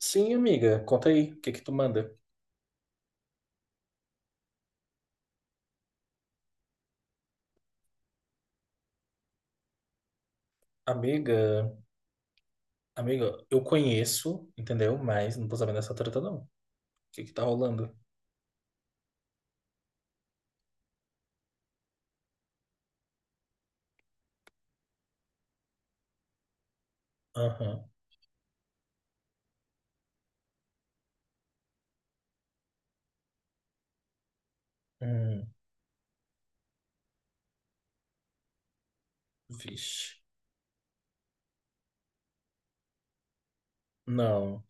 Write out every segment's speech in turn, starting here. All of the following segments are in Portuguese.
Sim, amiga, conta aí, o que que tu manda? Amiga, amiga, eu conheço, entendeu? Mas não tô sabendo dessa treta, não. O que que tá rolando? Aham. Hum, vixe. Não.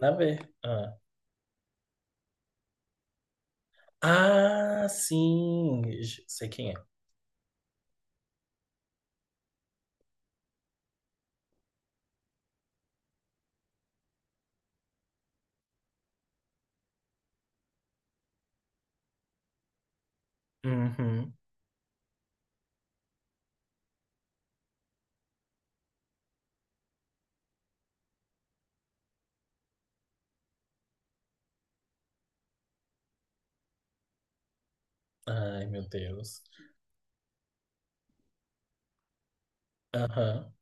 Na ver. Ah. Ah, sim, sei quem é. Uhum. Ai, meu Deus. Aham.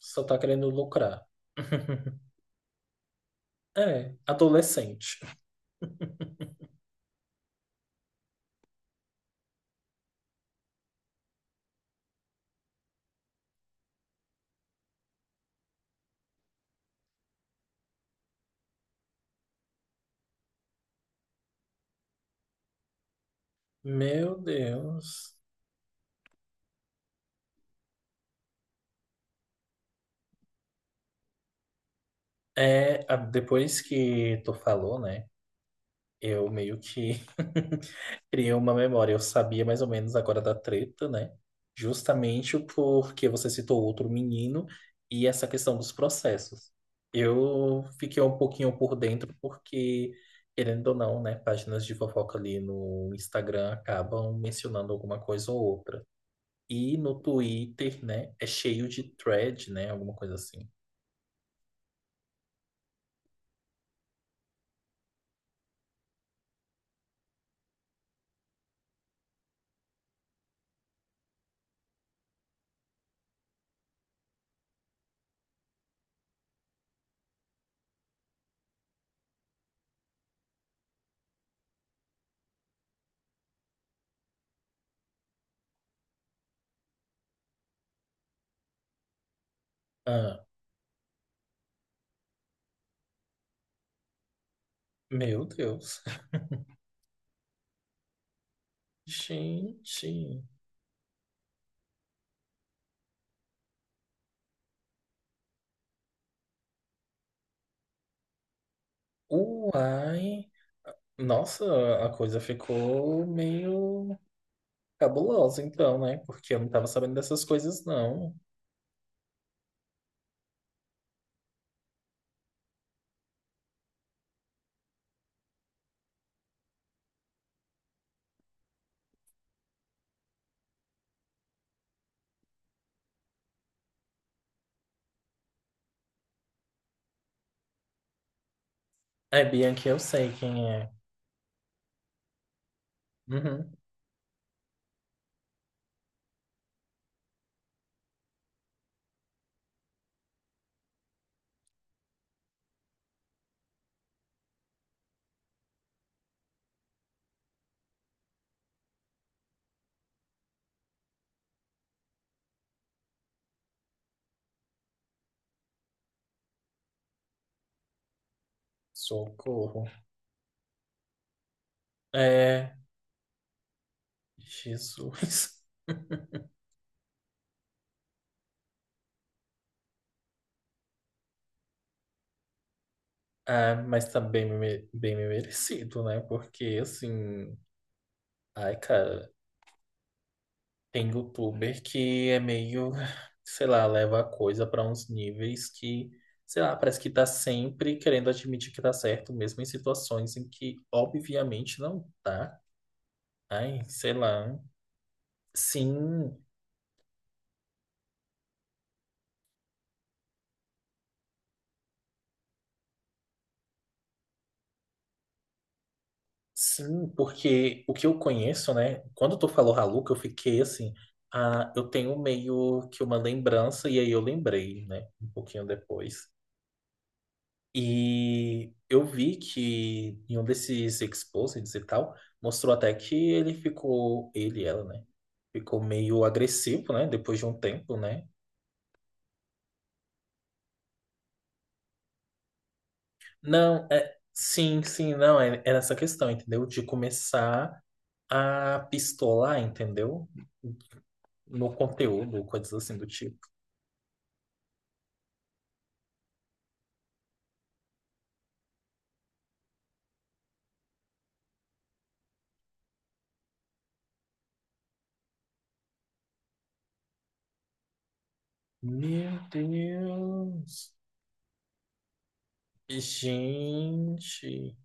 Só tá querendo lucrar. É, adolescente. Meu Deus. É, depois que tu falou, né? Eu meio que criei uma memória. Eu sabia mais ou menos agora da treta, né? Justamente porque você citou outro menino e essa questão dos processos. Eu fiquei um pouquinho por dentro porque, querendo ou não, né, páginas de fofoca ali no Instagram acabam mencionando alguma coisa ou outra. E no Twitter, né? É cheio de thread, né? Alguma coisa assim. Ah, meu Deus. Gente. Uai. Nossa, a coisa ficou meio cabulosa então, né? Porque eu não tava sabendo dessas coisas, não. É, Bianca, eu sei quem é. Uhum. Socorro. É, Jesus. Ah, mas tá bem, bem me merecido, né? Porque, assim... Ai, cara, tem youtuber que é meio, sei lá, leva a coisa para uns níveis que, sei lá, parece que tá sempre querendo admitir que tá certo, mesmo em situações em que obviamente não tá. Ai, sei lá. Sim, sim, porque o que eu conheço, né? Quando tu falou Haluca, eu fiquei assim, ah, eu tenho meio que uma lembrança, e aí eu lembrei, né? Um pouquinho depois. E eu vi que em um desses exposits e tal, mostrou até que ele ficou, ele, ela, né? Ficou meio agressivo, né? Depois de um tempo, né? Não, é, sim, sim, não, é, é essa questão, entendeu? De começar a pistolar, entendeu? No conteúdo, coisas assim do tipo. Meu Deus! Gente!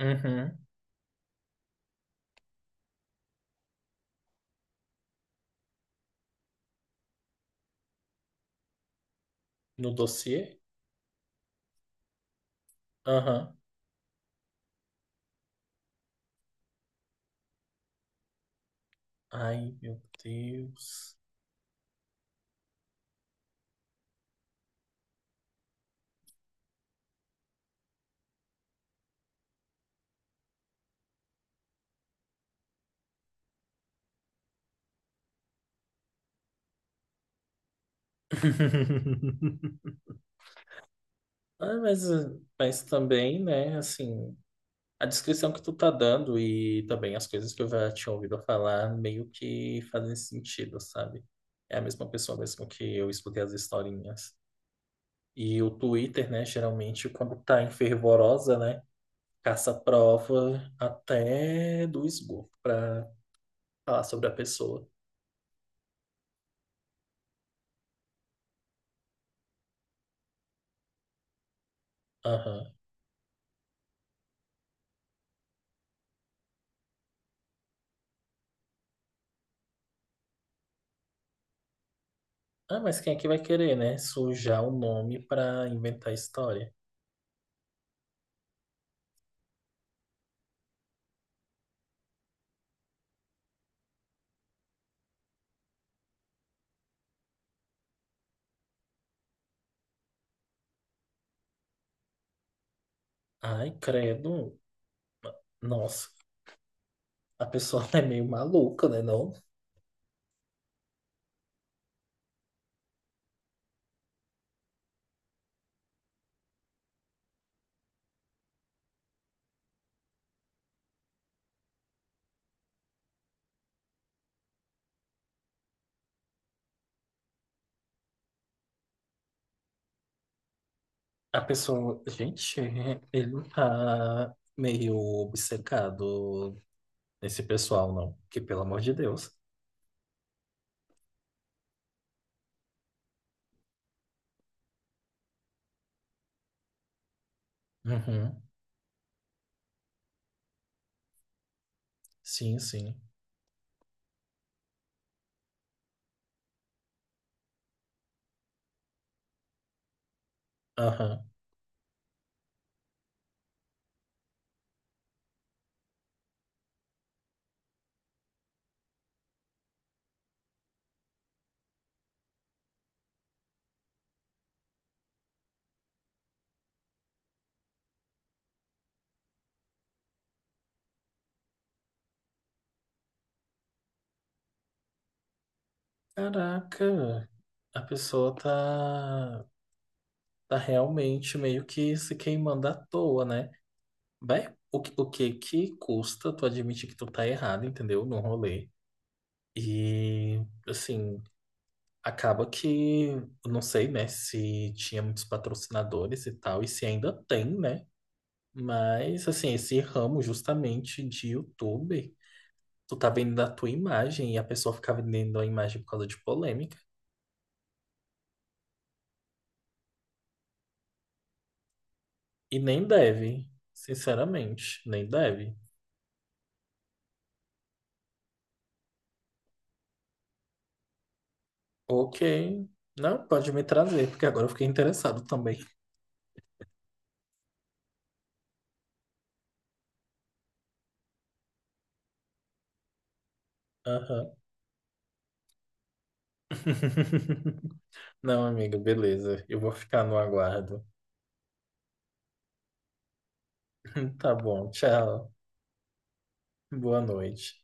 Uhum. No dossiê? Aham. Ai, meu Deus. Ah, mas, mas também, né, assim, a descrição que tu tá dando e também as coisas que eu já tinha ouvido falar meio que fazem sentido, sabe? É a mesma pessoa mesmo que eu escutei as historinhas. E o Twitter, né, geralmente quando tá em fervorosa, né, caça prova até do esgoto pra falar sobre a pessoa. Aham. Ah, mas quem é que vai querer, né, sujar o nome pra inventar história? Ai, credo. Nossa. A pessoa é meio maluca, né, não? A pessoa, gente, ele não tá meio obcecado nesse pessoal, não? Que pelo amor de Deus. Uhum. Sim, sim. Aham. Caraca, a pessoa tá, tá realmente meio que se queimando à toa, né? Vai, o que que custa tu admitir que tu tá errado, entendeu? No rolê. E, assim, acaba que, eu não sei, né, se tinha muitos patrocinadores e tal, e se ainda tem, né? Mas, assim, esse ramo justamente de YouTube, tu tá vendendo a tua imagem e a pessoa fica vendendo a imagem por causa de polêmica. E nem deve, sinceramente, nem deve. Ok, não, pode me trazer, porque agora eu fiquei interessado também. Aham. Não, amigo, beleza, eu vou ficar no aguardo. Tá bom, tchau, boa noite.